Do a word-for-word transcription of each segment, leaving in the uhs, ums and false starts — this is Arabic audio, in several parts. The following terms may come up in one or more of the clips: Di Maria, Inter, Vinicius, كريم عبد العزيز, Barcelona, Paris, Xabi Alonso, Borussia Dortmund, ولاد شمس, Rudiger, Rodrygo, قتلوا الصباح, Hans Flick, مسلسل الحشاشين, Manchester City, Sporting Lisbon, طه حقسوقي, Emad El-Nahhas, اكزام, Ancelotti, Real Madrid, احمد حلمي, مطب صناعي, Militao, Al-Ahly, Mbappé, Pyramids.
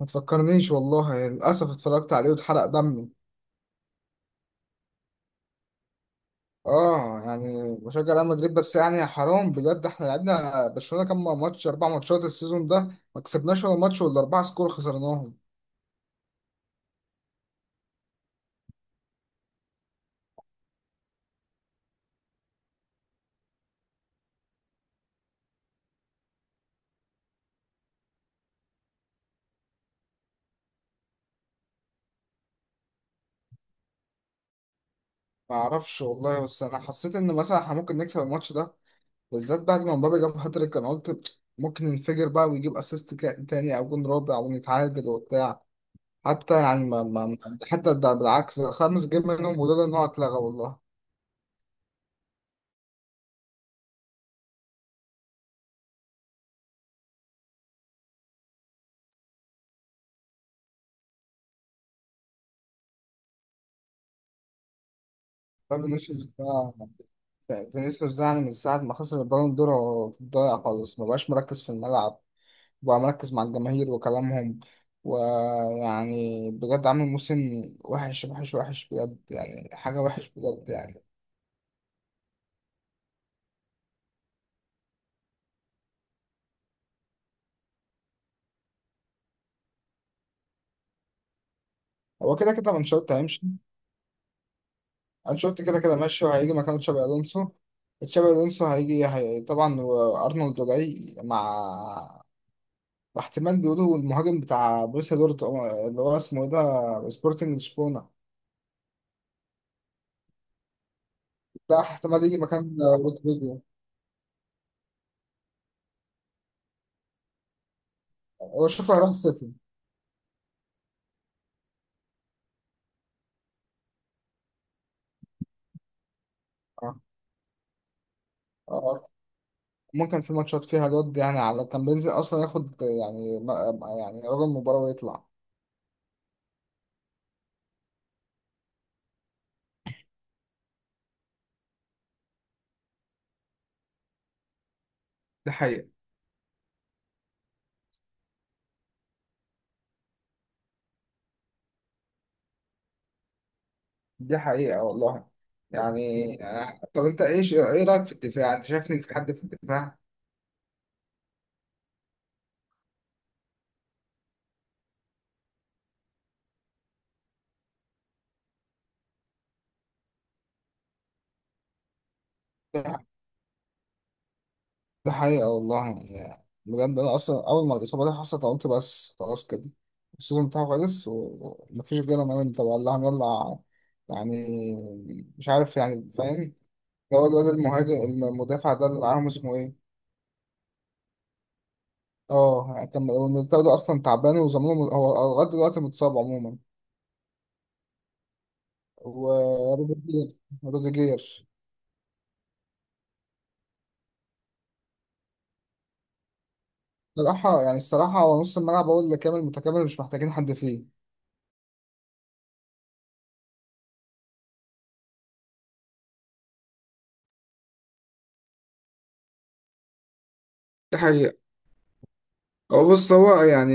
ما تفكرنيش والله، يعني للأسف اتفرجت عليه واتحرق دمي. اه، يعني بشجع ريال مدريد، بس يعني يا حرام بجد، احنا لعبنا برشلونة كام ماتش، أربع ماتشات السيزون ده. ما كسبناش ولا ماتش، ولا أربعة سكور خسرناهم. ما أعرفش والله، بس أنا حسيت إن مثلا احنا ممكن نكسب الماتش ده، بالذات بعد ما مبابي جاب هاتريك. أنا قلت ممكن ينفجر بقى ويجيب أسيست كا- تاني أو جون رابع ونتعادل وبتاع. حتى يعني ما ما ما- حتى ده بالعكس، ده خمس جيم منهم، وده إن هو اتلغى والله. فبنشوف، فينيسيوس ده يعني من ساعة ما خسر البالون دور هو في الضايع خالص، مبقاش مركز في الملعب، بقى مركز مع الجماهير وكلامهم. ويعني بجد عامل موسم وحش وحش وحش بجد، يعني حاجة وحش بجد يعني. هو كده كده أنشيلوتي هيمشي. أنشيلوتي كده كده ماشي، وهيجي مكانه تشابي ألونسو. تشابي ألونسو هيجي هي... طبعا، وأرنولد جاي مع احتمال. بيقولوا المهاجم بتاع بروسيا دورتموند اللي هو اسمه ايه ده، سبورتنج لشبونة. ده احتمال يجي مكان رودريجو، وشكله هيروح السيتي. اه اه. ممكن في ماتشات فيها الواد يعني على كان بينزل اصلا ياخد يعني ما- يعني رجل مباراة ويطلع. دي حقيقة. دي حقيقة والله يعني. آه، طب انت ايش ايه رأيك في الدفاع، انت شايفني في حد في الدفاع؟ دي حقيقة والله، يعني بجد انا اصلا اول ما الاصابة دي حصلت قلت بس خلاص كده، السيزون بتاعه خلص و- ومفيش غير انا وانت والله هنولع يعني. مش عارف يعني فاهم. اللي هو الواد المهاجم، المدافع ده اللي معاهم اسمه ايه؟ اه، كان هو الميليتاو ده اصلا تعبان وزمانه م- هو لغايه دلوقتي متصاب عموما. وروديجير. روديجير. الصراحه يعني الصراحه، هو نص الملعب هو اللي كامل متكامل، مش محتاجين حد فيه. دي حقيقة. هو بص هو يعني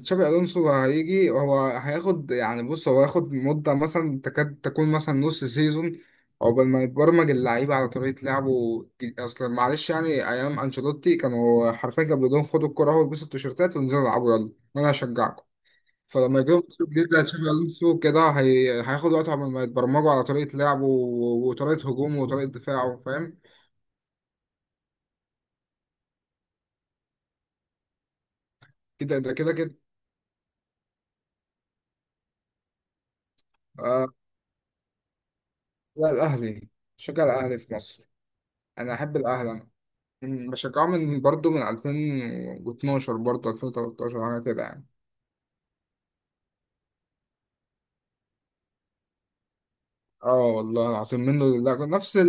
تشابي ألونسو هيجي، هو هياخد يعني، بص هو هياخد مدة مثلا تكاد تكون مثلا نص سيزون عقبال ما يتبرمج اللعيبة على طريقة لعبه. الج- أصلا معلش يعني، أيام أنشيلوتي كانوا حرفيا كانوا بيقولوا لهم خدوا الكرة اهو، البسوا التيشيرتات وانزلوا العبوا يلا وأنا هشجعكم. فلما يجيبوا أسلوب جديد زي تشابي ألونسو كده، هي... هياخد وقت عمال ما يتبرمجوا على طريقة لعبه و... وطريقة هجومه وطريقة دفاعه فاهم. كده ده كده كده. آه... لا، الأهلي. شجع الأهلي في مصر. أنا أحب الأهلي أنا. أمم، بشجعه من برضه من ألفين واثنا عشر، برضه ألفين وثلاثة عشر، حاجة كده يعني. اه والله العظيم، منه لله، نفس ال...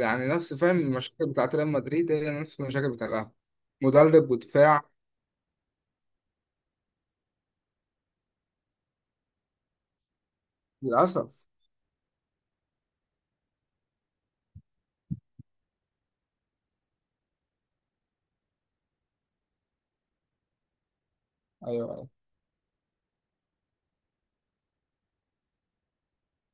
يعني نفس، فاهم، المشاكل بتاعت ريال مدريد هي نفس المشاكل بتاعت الأهلي. مدرب ودفاع. للأسف. أيوه.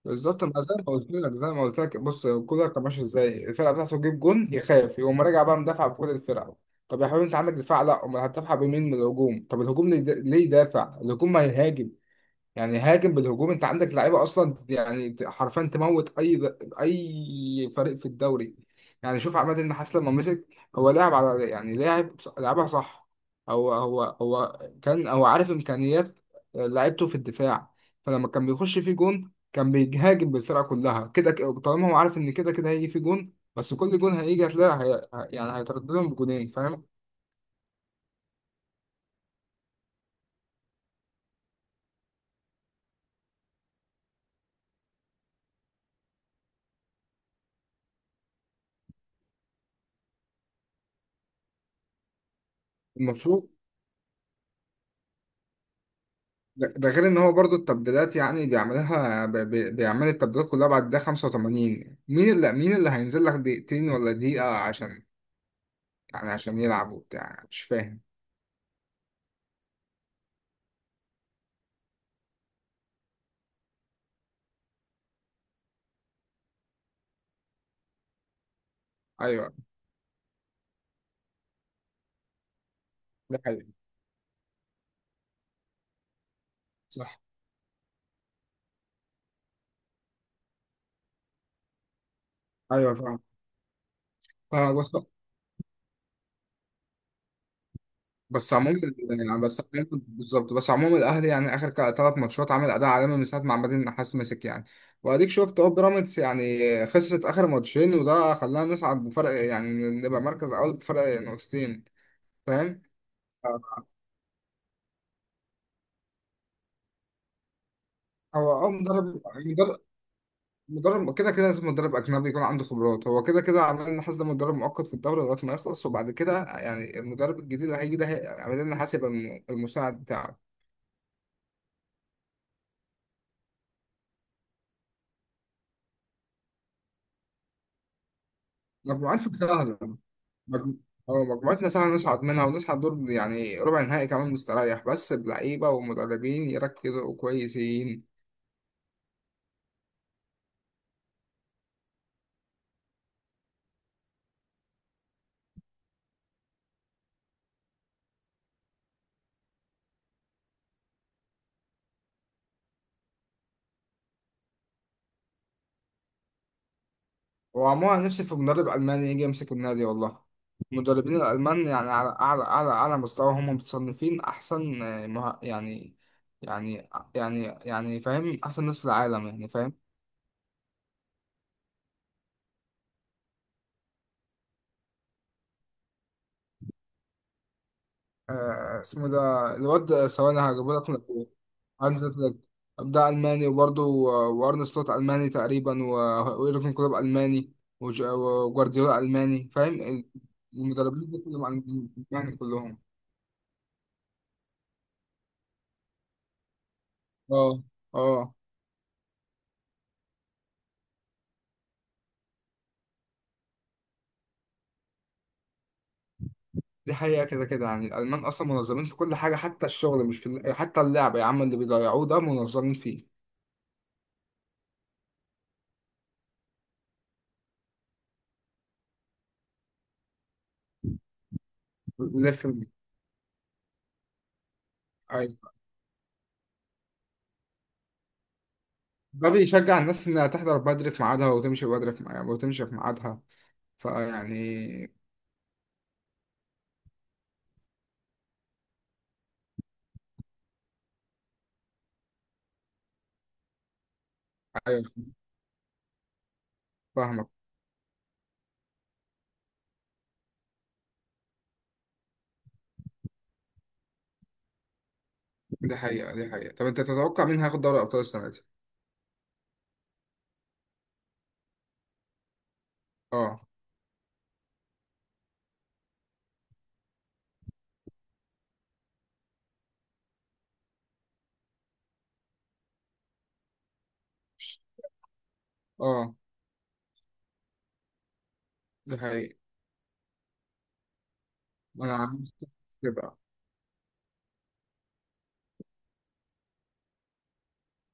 بالظبط، ما زي ما قلت لك، زي ما قلت لك، بص كولر كان ماشي ازاي، الفرقه بتاعته تجيب جون يخاف يقوم راجع بقى مدافع بكل الفرقه. طب يا حبيبي انت عندك دفاع، لا امال هتدافع بمين من الهجوم؟ طب الهجوم ليه ليه يدافع؟ الهجوم ما يهاجم، يعني هاجم بالهجوم. انت عندك لعيبه اصلا يعني ت- حرفيا تموت اي اي فريق في الدوري. يعني شوف عماد النحاس لما مسك، هو لاعب على، يعني لاعب ص- لعبها صح. هو هو هو كان هو عارف امكانيات لعيبته في الدفاع. فلما كان بيخش فيه جون كان بيهاجم بالفرقه كلها كده، ك- طالما هو عارف ان كده كده هيجي فيه جون، بس كل جون هيجي هتلاقي هي... يعني هيترددهم بجونين فاهم. المفروض. ده ده غير ان هو برضو التبديلات يعني بيعملها ب- ب- بيعمل التبديلات كلها بعد الدقيقة خمسة وتمانين، مين اللي مين اللي هينزل لك دقيقتين ولا دقيقة عشان يعني عشان يلعب وبتاع؟ مش فاهم. ايوه. ده حقيقي. صح. ايوه فاهم فاهم، بس، بس عموما يعني، بس عموما- بالظبط، بس عموما الاهلي يعني اخر ثلاث ماتشات عامل اداء عالمي من ساعة ما عماد النحاس مسك يعني. واديك شفت اهو بيراميدز يعني خسرت اخر ماتشين، وده خلاها نصعد بفرق، يعني نبقى مركز اول بفرق نقطتين فاهم. هو اه مدرب مدرب مدرب كده كده. لازم مدرب اجنبي يكون عنده خبرات. هو كده كده عمال لنا حاسس مدرب مؤقت في الدوري لغايه ما يخلص، وبعد كده يعني المدرب الجديد اللي هيجي ده هي- عمال لنا حاسب الم- المساعد بتاعه. مجموعتنا سهله. مجم- هو مجموعتنا سهله نصعد منها ونصعد دور يعني ربع نهائي كمان مستريح، بس اللعيبه والمدربين يركزوا كويسين. وعموما نفسي في مدرب ألماني يجي يمسك النادي والله. المدربين الألمان يعني على أعلى أعلى أعلى مستوى، هم متصنفين أحسن. آه، مه... يعني يعني يعني يعني فاهم، أحسن ناس في العالم يعني فاهم. آه، اسمه ده الواد، آه، ثواني هجيبه لك من الأول. هانز فليك، ده ألماني، وبرضه آه، وأرن سلوت ألماني تقريبا، و- ويورجن كلوب ألماني، وج- وجوارديولا ألماني فاهم. المدربين دول كلهم ألماني كلهم. اه اه. دي حقيقة. كده كده يعني الألمان أصلا منظمين في كل حاجة، حتى الشغل مش في ال- حتى اللعب يا عم اللي بيضيعوه ده منظمين فيه. لف. أيوة. ده بيشجع الناس إنها تحضر بدري في ميعادها، وتمشي بدري في ميعادها وتمشي في ميعادها. فيعني، أيوة فاهمك. دي حقيقة دي حقيقة. طب أنت تتوقع مين هياخد دوري أبطال السنة دي؟ أه أه. دي حقيقة. أنا عارف كده.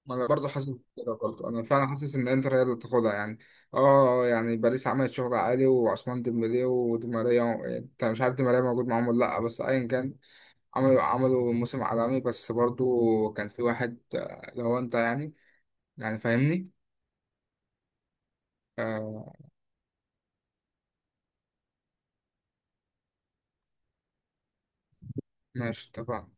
ما انا برضه حاسس كده، برضه انا فعلا حاسس ان انتر هي اللي تاخدها يعني. اه يعني باريس عملت شغل عالي، وعثمان ديمبلي ودي ماريا، انت مش عارف دي ماريا موجود معاهم ولا لا، بس ايا كان، عملوا عملوا موسم عالمي بس برضه. كان في واحد، آه، لو انت يعني، يعني فاهمني. آه. ماشي اتفقنا.